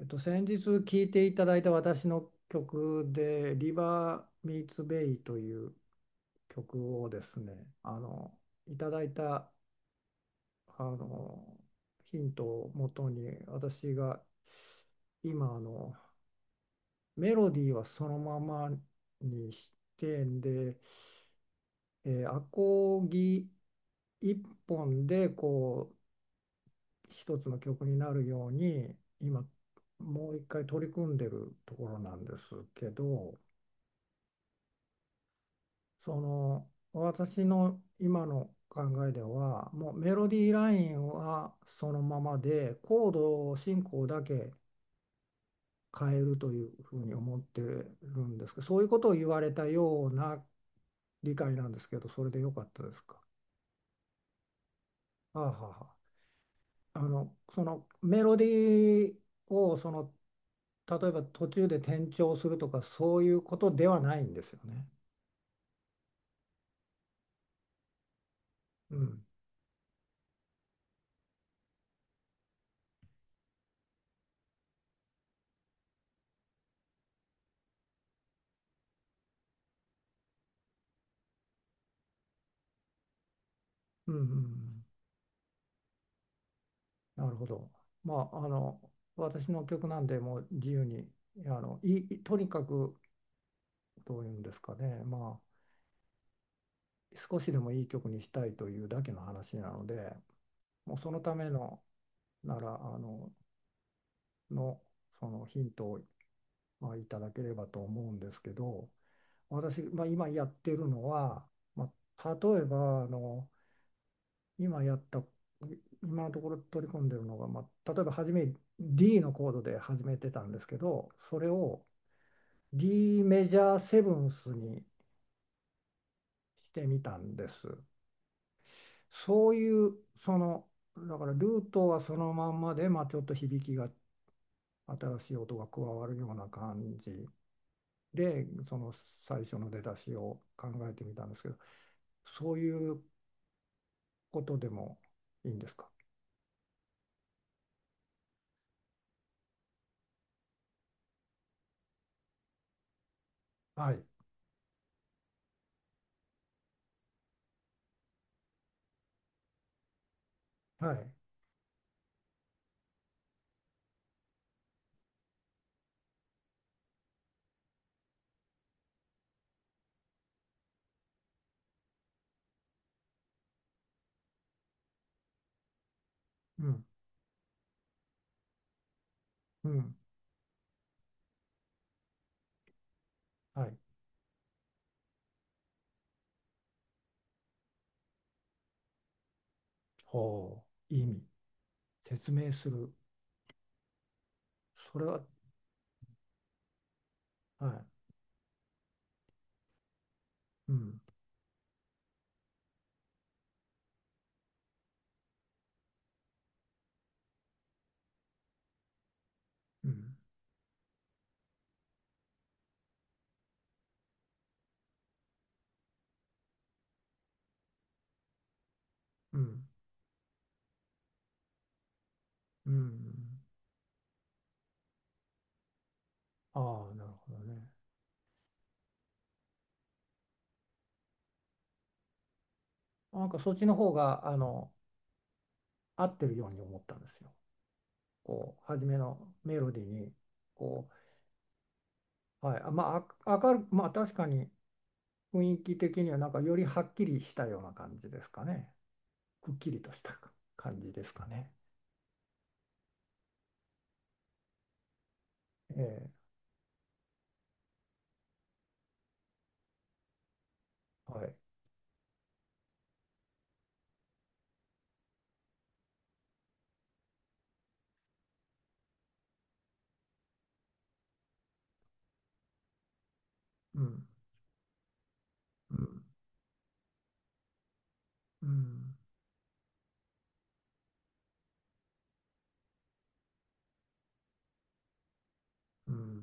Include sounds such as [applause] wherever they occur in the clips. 先日聴いていただいた私の曲で「リバー・ミーツ・ベイ」という曲をですねいただいたあのヒントをもとに私が今メロディーはそのままにしてんで、アコギ一本でこう一つの曲になるように今もう一回取り組んでるところなんですけど。その私の今の考えではもうメロディーラインはそのままでコード進行だけ変えるというふうに思ってるんですけど、そういうことを言われたような理解なんですけど、それでよかったですか？あはは。そのメロディーを例えば途中で転調するとかそういうことではないんですよね？うん。うんうんうん。なるほど。まあ、私の曲なんで、もう自由に、あの、いい、とにかく、どういうんですかね、まあ、少しでもいい曲にしたいというだけの話なので、もうそのための、なら、の、そのヒントを、まあ、いただければと思うんですけど、私、まあ、今やってるのは、まあ、例えば、あの、今やった、今のところ取り込んでるのが、まあ、例えば初め D のコードで始めてたんですけど、それを、D メジャーセブンスにしてみたんです。そういうそのだからルートはそのまんまで、まあ、ちょっと響きが新しい音が加わるような感じで、その最初の出だしを考えてみたんですけど、そういうことでもいいんですか？はいはい。うんうん。はい。ほう。意味説明する。それは。はい。うんうんうんうん。ああ、なるほどね。なんかそっちの方が合ってるように思ったんですよ。こう初めのメロディーに。こう、はい、あまああ明るまあ確かに雰囲気的にはなんかよりはっきりしたような感じですかね。くっきりとした感じですかね。ええ、はい。うん。うん。うん。うん。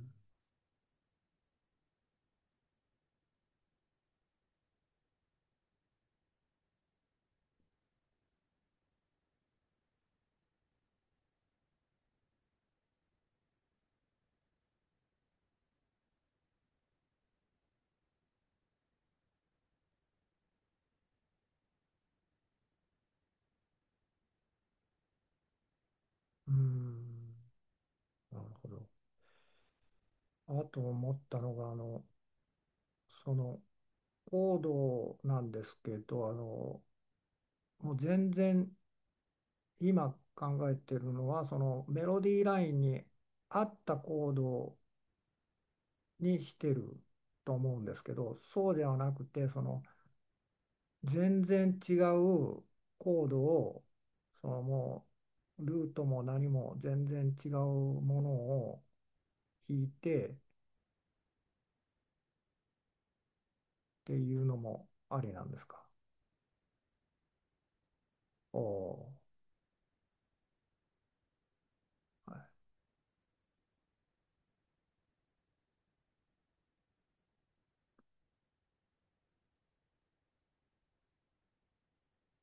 うん、なるほど。あと思ったのがそのコードなんですけど、もう全然今考えてるのはそのメロディーラインに合ったコードにしてると思うんですけど、そうではなくて、その全然違うコードをもうルートも何も全然違うものを弾いてっていうのもありなんですか？おおー、はい、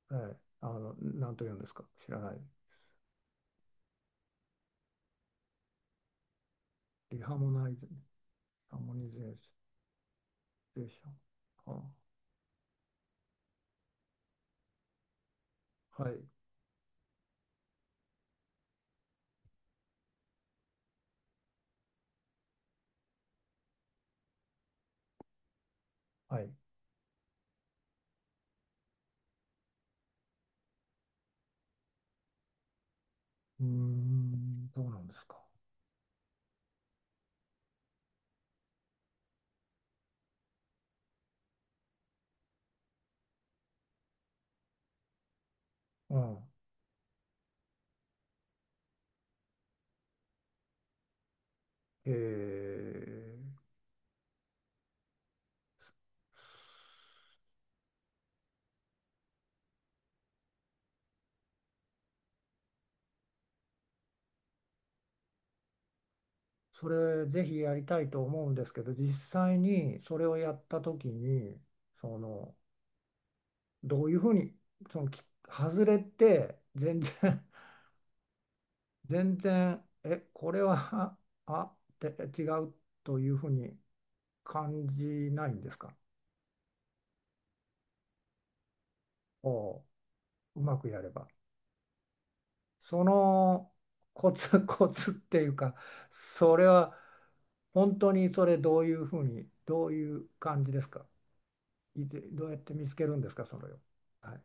はい。なんと言うんですか？知らない。リハモナイズ、ハーモニゼーション。はあ、はい、はい。うーん、どうなんですか。うん。えー、それぜひやりたいと思うんですけど、実際にそれをやった時に、その、どういうふうに、その、外れて、全然、[laughs] 全然、これは、[laughs] あ、あって違うというふうに感じないんですか？おう、うまくやれば。そのコツ [laughs] コツっていうか、それは本当にそれどういうふうに、どういう感じですか？いて、どうやって見つけるんですか、それを？はい。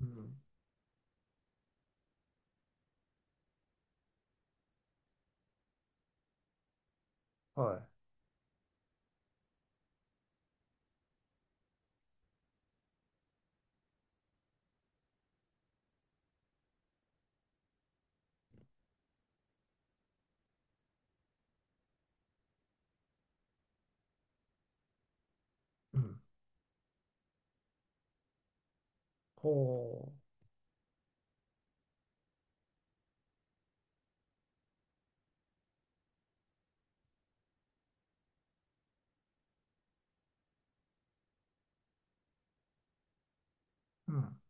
うん。はい。うん。ほう。うん。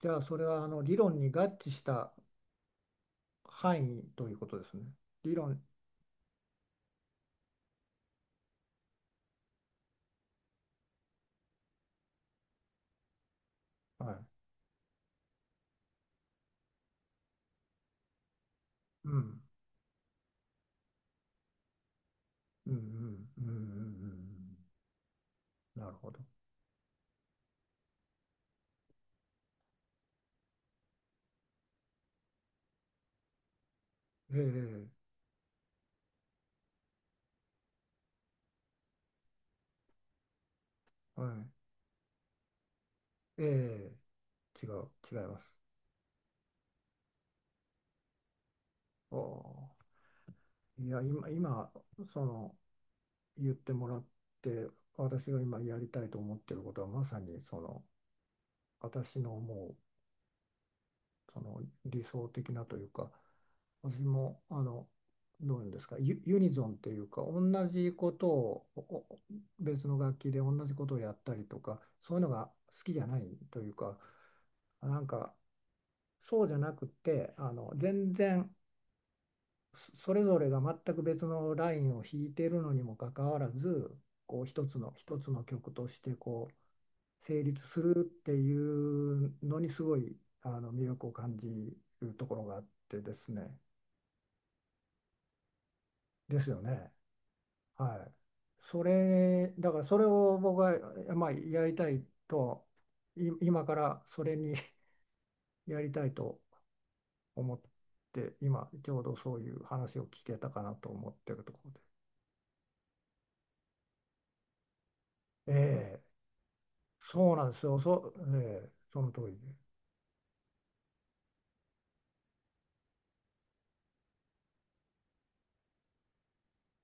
じゃあ、それは理論に合致した範囲ということですね。理論。はい。うん。うんうんうんうんうんうんうん。なるほど。ええ、はい。ええ、違います。おー。いや、今、その、言ってもらって、私が今やりたいと思ってることは、まさに、その、私の思う、その、理想的なというか、私も、どういうんですか、ユニゾンっていうか、同じことを、別の楽器で同じことをやったりとか、そういうのが好きじゃないというか、なんか、そうじゃなくて、全然、それぞれが全く別のラインを弾いているのにもかかわらず、こう一つの曲としてこう成立するっていうのにすごい魅力を感じるところがあってですね。ですよね。はい。それだからそれを僕は、まあ、やりたいと今からそれに [laughs] やりたいと思って、今ちょうどそういう話を聞けたかなと思ってるところで。ええ、そうなんですよ。そう、ええ、その通りで。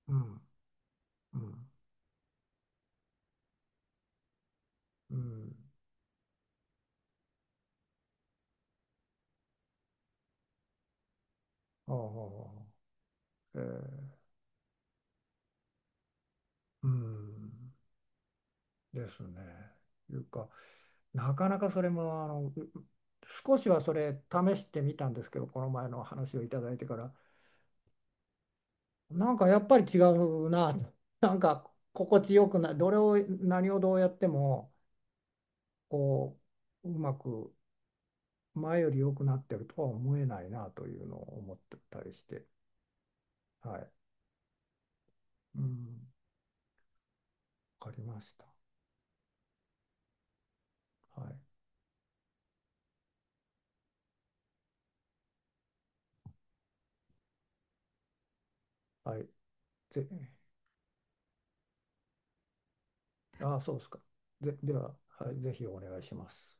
うん、うん、うん。ああ、ええ、うん、ですね。いうか、なかなかそれも、あの、うう少しはそれ試してみたんですけど、この前の話をいただいてから、なんかやっぱり違うな、[laughs] なんか心地よくない、どれを、何をどうやっても、こう、うまく前より良くなってるとは思えないなというのを思ってたりして、はい。うん、わかりました。はい。はい。ぜ、ああ、そうですか。では、はい、ぜひお願いします。